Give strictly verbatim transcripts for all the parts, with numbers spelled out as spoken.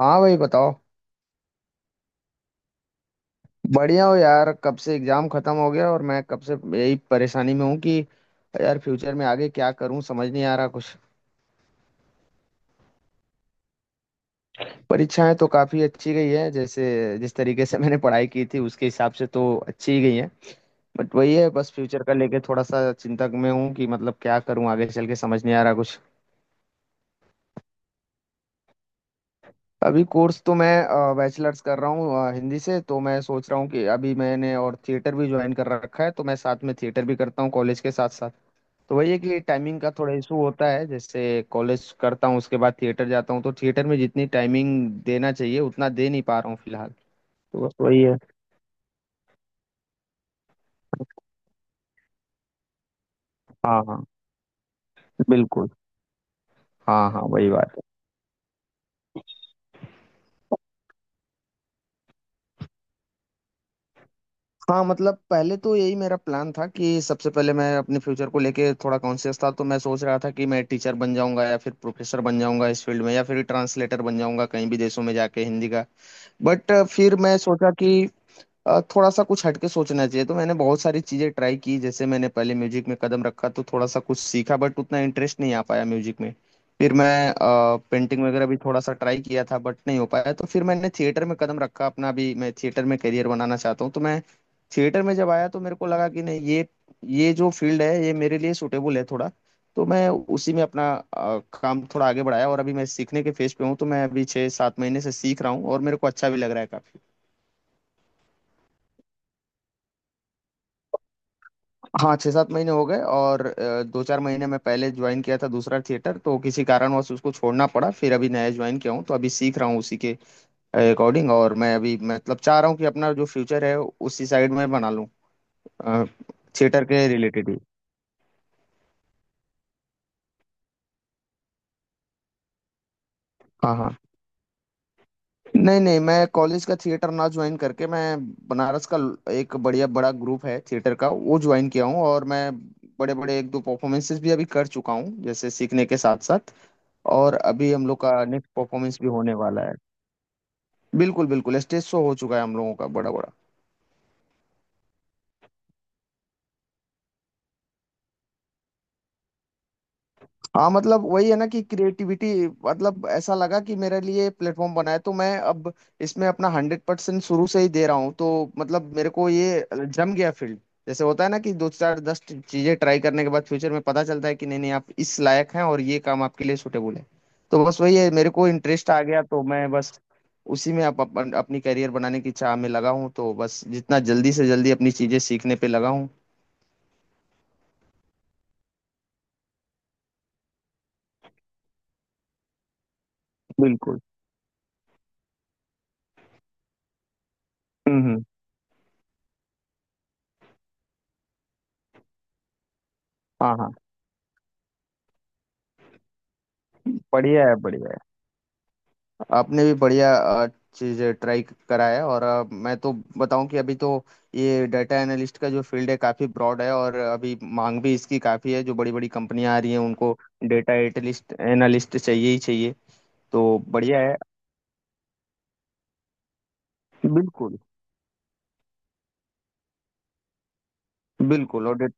हाँ भाई बताओ। बढ़िया हो यार। कब से एग्जाम खत्म हो गया और मैं कब से यही परेशानी में हूँ कि यार फ्यूचर में आगे क्या करूँ, समझ नहीं आ रहा कुछ। परीक्षाएं तो काफी अच्छी गई है। जैसे जिस तरीके से मैंने पढ़ाई की थी उसके हिसाब से तो अच्छी ही गई है। बट वही है, बस फ्यूचर का लेके थोड़ा सा चिंतक में हूँ कि मतलब क्या करूँ आगे चल के, समझ नहीं आ रहा कुछ। अभी कोर्स तो मैं बैचलर्स कर रहा हूँ अ, हिंदी से। तो मैं सोच रहा हूँ कि अभी मैंने और थिएटर भी ज्वाइन कर रखा है, तो मैं साथ में थिएटर भी करता हूँ कॉलेज के साथ साथ। तो वही है कि टाइमिंग का थोड़ा इशू होता है। जैसे कॉलेज करता हूँ, उसके बाद थिएटर जाता हूँ, तो थिएटर में जितनी टाइमिंग देना चाहिए उतना दे नहीं पा रहा हूँ फिलहाल। तो बस वही है। हाँ हाँ, बिल्कुल। हाँ हाँ, वही बात है। हाँ, मतलब पहले तो यही मेरा प्लान था कि सबसे पहले मैं अपने फ्यूचर को लेके थोड़ा कॉन्शियस था, तो मैं सोच रहा था कि मैं टीचर बन जाऊंगा या फिर प्रोफेसर बन जाऊंगा इस फील्ड में, या फिर ट्रांसलेटर बन जाऊंगा कहीं भी देशों में जाके हिंदी का। बट फिर मैं सोचा कि अ, थोड़ा सा कुछ हटके सोचना चाहिए, तो मैंने बहुत सारी चीजें ट्राई की। जैसे मैंने पहले म्यूजिक में कदम रखा, तो थोड़ा सा कुछ सीखा, बट उतना इंटरेस्ट नहीं आ पाया म्यूजिक में। फिर मैं पेंटिंग वगैरह भी थोड़ा सा ट्राई किया था, बट नहीं हो पाया। तो फिर मैंने थिएटर में कदम रखा अपना भी। मैं थिएटर में करियर बनाना चाहता हूँ, तो मैं थिएटर में जब आया तो मेरे को लगा कि नहीं, ये ये जो फील्ड है ये मेरे लिए सूटेबल है थोड़ा। तो मैं उसी में अपना अ, काम थोड़ा आगे बढ़ाया, और अभी मैं सीखने के फेज पे हूँ। तो मैं अभी छः सात महीने से सीख रहा हूँ और मेरे को अच्छा भी लग रहा है काफी। हाँ, छः सात महीने हो गए। और अ, दो चार महीने मैं पहले ज्वाइन किया था दूसरा थिएटर, तो किसी कारणवश उसको छोड़ना पड़ा। फिर अभी नया ज्वाइन किया हूँ, तो अभी सीख रहा हूँ उसी के अकॉर्डिंग। और मैं अभी मतलब चाह रहा हूँ कि अपना जो फ्यूचर है उसी साइड में बना लूँ। थिएटर के रिलेटेड ही। हाँ हाँ। नहीं नहीं, मैं कॉलेज का थिएटर ना ज्वाइन करके, मैं बनारस का एक बढ़िया बड़ा ग्रुप है थिएटर का वो ज्वाइन किया हूँ। और मैं बड़े बड़े एक दो परफॉर्मेंसेस भी अभी कर चुका हूँ, जैसे सीखने के साथ साथ। और अभी हम लोग का नेक्स्ट परफॉर्मेंस भी होने वाला है। बिल्कुल बिल्कुल, स्टेज शो हो चुका है हम लोगों का बड़ा बड़ा। हाँ, मतलब वही है ना कि क्रिएटिविटी, मतलब ऐसा लगा कि मेरे लिए प्लेटफॉर्म बना है। तो मैं अब इसमें अपना हंड्रेड परसेंट शुरू से ही दे रहा हूँ, तो मतलब मेरे को ये जम गया फील्ड। जैसे होता है ना कि दो चार दस चीजें ट्राई करने के बाद फ्यूचर में पता चलता है कि नहीं नहीं, आप इस लायक हैं और ये काम आपके लिए सुटेबल है। तो बस वही है, मेरे को इंटरेस्ट आ गया, तो मैं बस उसी में अप, अपन- अपनी करियर बनाने की चाह में लगा हूँ, तो बस जितना जल्दी से जल्दी अपनी चीजें सीखने पे लगा हूँ। बिल्कुल। हम्म हम्म। हाँ हाँ, बढ़िया है, बढ़िया है। आपने भी बढ़िया चीज ट्राई कराया। और अ, मैं तो बताऊं कि अभी तो ये डाटा एनालिस्ट का जो फील्ड है काफी ब्रॉड है, और अभी मांग भी इसकी काफी है। जो बड़ी बड़ी कंपनियां आ रही हैं उनको डाटा एटलिस्ट एनालिस्ट चाहिए ही चाहिए। तो बढ़िया है। बिल्कुल बिल्कुल। और डेट-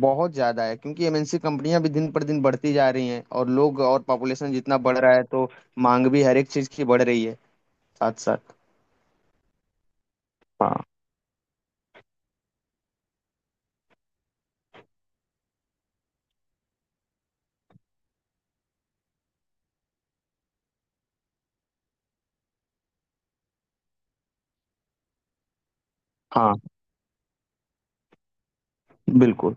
बहुत ज्यादा है, क्योंकि एम एन सी कंपनियां भी दिन पर दिन बढ़ती जा रही हैं और लोग और पॉपुलेशन जितना बढ़ रहा है, तो मांग भी हर एक चीज की बढ़ रही है साथ साथ। हाँ हाँ, बिल्कुल।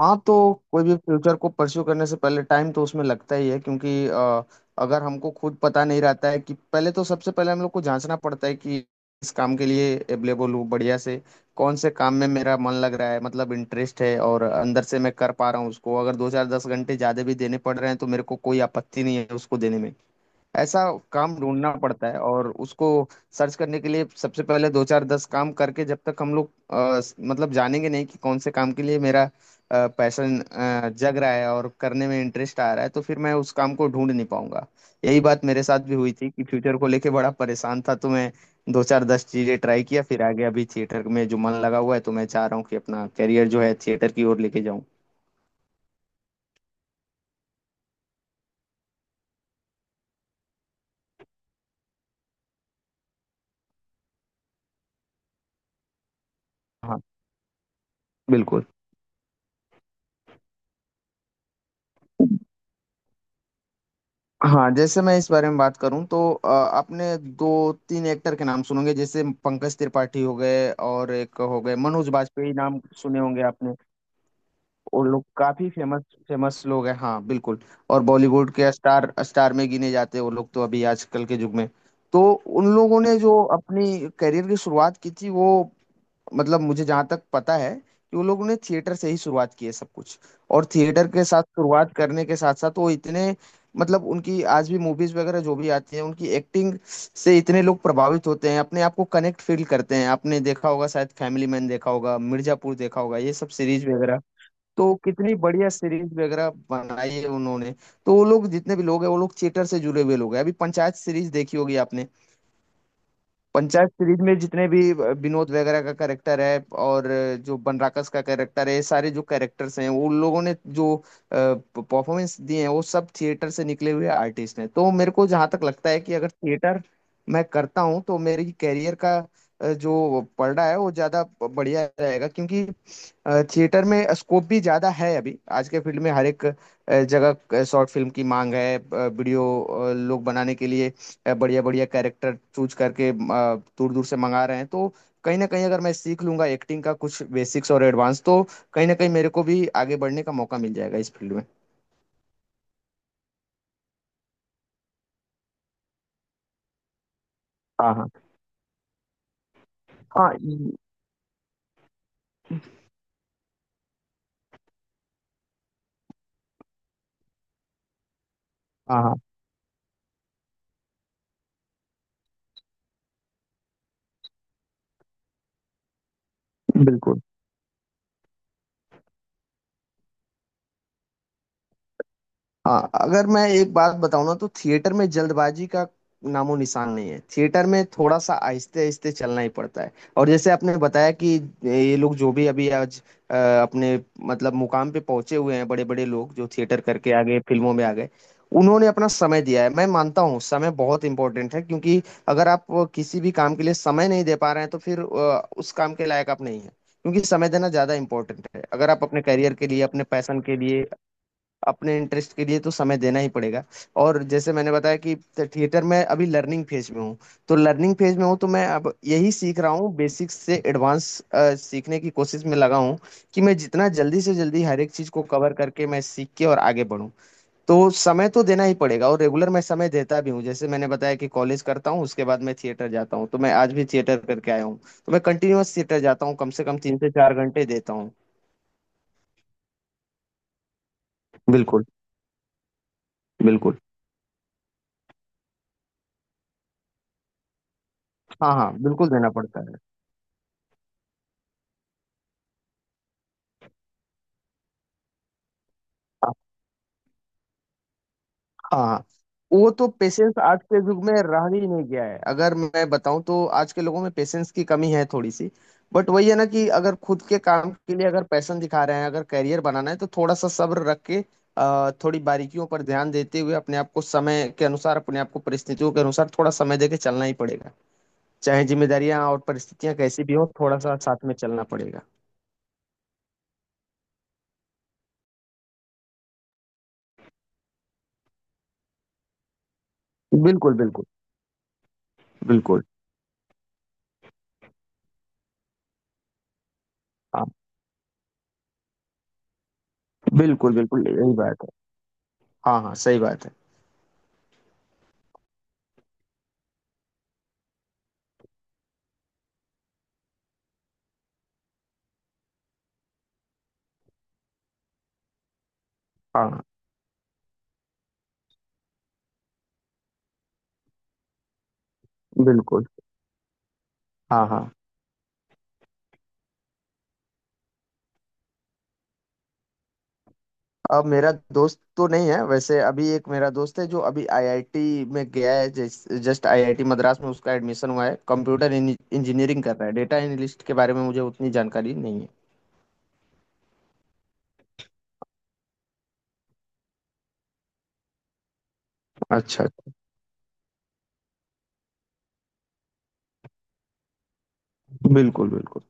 हाँ, तो कोई भी फ्यूचर को परस्यू करने से पहले टाइम तो उसमें लगता ही है, क्योंकि अ, अगर हमको खुद पता नहीं रहता है कि पहले, तो सबसे पहले हम लोग को जांचना पड़ता है कि इस काम के लिए एबलेबल हूँ बढ़िया से। कौन से काम में मेरा मन लग रहा है, मतलब इंटरेस्ट है और अंदर से मैं कर पा रहा हूँ उसको। अगर दो चार दस घंटे ज्यादा भी देने पड़ रहे हैं तो मेरे को कोई आपत्ति नहीं है उसको देने में। ऐसा काम ढूंढना पड़ता है, और उसको सर्च करने के लिए सबसे पहले दो चार दस काम करके जब तक हम लोग अ, स- मतलब जानेंगे नहीं कि कौन से काम के लिए मेरा पैशन जग रहा है और करने में इंटरेस्ट आ रहा है, तो फिर मैं उस काम को ढूंढ नहीं पाऊंगा। यही बात मेरे साथ भी हुई थी कि फ्यूचर को लेके बड़ा परेशान था, तो मैं दो चार दस चीजें ट्राई किया। फिर आगे अभी थिएटर में जो मन लगा हुआ है, तो मैं चाह रहा हूँ कि अपना करियर जो है थिएटर की ओर लेके जाऊँ। हाँ, बिल्कुल। हाँ, जैसे मैं इस बारे में बात करूं, तो अ, आपने दो तीन एक्टर के नाम सुनोगे, जैसे पंकज त्रिपाठी हो गए और एक हो गए मनोज बाजपेयी, नाम सुने होंगे आपने। वो लोग काफी फेमस फेमस लोग हैं, हाँ बिल्कुल। और बॉलीवुड के स्टार स्टार में गिने जाते हैं वो लोग, तो अभी आजकल के युग में। तो उन लोगों ने जो अपनी करियर की शुरुआत की थी, वो, मतलब मुझे जहाँ तक पता है कि वो लोगों ने थिएटर से ही शुरुआत की है सब कुछ। और थिएटर के साथ शुरुआत करने के साथ साथ वो इतने, मतलब उनकी आज भी मूवीज वगैरह जो भी आती हैं उनकी एक्टिंग से इतने लोग प्रभावित होते हैं, अपने आप को कनेक्ट फील करते हैं। आपने देखा होगा शायद, फैमिली मैन देखा होगा, मिर्जापुर देखा होगा, ये सब सीरीज वगैरह। तो कितनी बढ़िया सीरीज वगैरह बनाई है उन्होंने। तो वो लोग जितने भी लोग हैं, वो लोग थिएटर से जुड़े हुए लोग हैं। अभी पंचायत सीरीज देखी होगी आपने। पंचायत सीरीज में जितने भी विनोद वगैरह का कैरेक्टर है और जो बनराकस का कैरेक्टर है, ये सारे जो कैरेक्टर्स हैं, वो उन लोगों ने जो परफॉर्मेंस दिए हैं वो सब थिएटर से निकले हुए आर्टिस्ट हैं। तो मेरे को जहाँ तक लगता है कि अगर थिएटर मैं करता हूँ तो मेरी कैरियर का अ, जो पलड़ा है वो ज़्यादा बढ़िया रहेगा, क्योंकि अ, थिएटर में स्कोप भी ज़्यादा है। अभी आज के फील्ड में हर एक अ, जगह शॉर्ट फिल्म की मांग है, अ, वीडियो अ, लोग बनाने के लिए बढ़िया बढ़िया कैरेक्टर चूज करके दूर दूर से मंगा रहे हैं। तो कहीं ना कहीं अगर मैं सीख लूंगा एक्टिंग का कुछ बेसिक्स और एडवांस, तो कहीं ना कहीं मेरे को भी आगे बढ़ने का मौका मिल जाएगा इस फील्ड में। हाँ हाँ हाँ ये- हाँ हाँ, बिल्कुल। हाँ, अगर मैं एक बात बताऊँ ना, तो थिएटर में जल्दबाजी का नामो निशान नहीं है। थिएटर में थोड़ा सा आहिस्ते आहिस्ते चलना ही पड़ता है। और जैसे आपने बताया कि ये लोग जो भी अभी आज अ, अपने, मतलब मुकाम पे पहुंचे हुए हैं, बड़े बड़े लोग जो थिएटर करके आ गए, फिल्मों में आ गए। उन्होंने अपना समय दिया है। मैं मानता हूँ समय बहुत इंपॉर्टेंट है, क्योंकि अगर आप किसी भी काम के लिए समय नहीं दे पा रहे हैं तो फिर अ, उस काम के लायक आप नहीं है। क्योंकि समय देना ज्यादा इंपॉर्टेंट है। अगर आप अपने करियर के लिए, अपने पैशन के लिए, अपने इंटरेस्ट के लिए, तो समय देना ही पड़ेगा। और जैसे मैंने बताया कि थिएटर में अभी लर्निंग फेज में हूँ। तो लर्निंग फेज में हूँ, तो मैं अब यही सीख रहा हूँ बेसिक्स से एडवांस, सीखने की कोशिश में लगा हूँ कि मैं जितना जल्दी से जल्दी हर एक चीज को कवर करके मैं सीख के और आगे बढ़ूँ। तो समय तो देना ही पड़ेगा। और रेगुलर मैं समय देता भी हूँ, जैसे मैंने बताया कि कॉलेज करता हूँ उसके बाद मैं थिएटर जाता हूँ। तो मैं आज भी थिएटर करके आया हूँ। तो मैं कंटिन्यूअस थिएटर जाता हूँ, कम से कम तीन से चार घंटे देता हूँ। बिल्कुल बिल्कुल। हाँ हाँ, बिल्कुल देना पड़ता है। हाँ, वो तो पेशेंस आज के युग में रह ही नहीं गया है। अगर मैं बताऊं तो आज के लोगों में पेशेंस की कमी है थोड़ी सी। बट वही है ना कि अगर खुद के काम के लिए अगर पैशन दिखा रहे हैं, अगर करियर बनाना है तो थोड़ा सा सब्र रख के अ, थोड़ी बारीकियों पर ध्यान देते हुए, अपने आप को समय के अनुसार, अपने आप को परिस्थितियों के अनुसार थोड़ा समय देके चलना ही पड़ेगा। चाहे जिम्मेदारियां और परिस्थितियां कैसी भी हो, थोड़ा सा साथ में चलना पड़ेगा। बिल्कुल बिल्कुल बिल्कुल। हाँ, बिल्कुल बिल्कुल, यही बात है। हाँ हाँ, सही बात है। हाँ हाँ, बिल्कुल। हाँ हाँ, अब मेरा दोस्त तो नहीं है, वैसे अभी एक मेरा दोस्त है जो अभी आई आई टी में गया है। Just I I T Madras में उसका एडमिशन हुआ है, कंप्यूटर इंजीनियरिंग कर रहा है। डेटा एनालिस्ट के बारे में मुझे उतनी जानकारी नहीं है। अच्छा अच्छा, बिल्कुल बिल्कुल।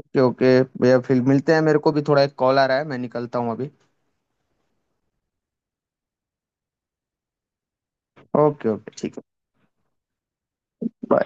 ओके ओके भैया, फिर मिलते हैं। मेरे को भी थोड़ा एक कॉल आ रहा है, मैं निकलता हूँ अभी। ओके ओके, ठीक है। बाय।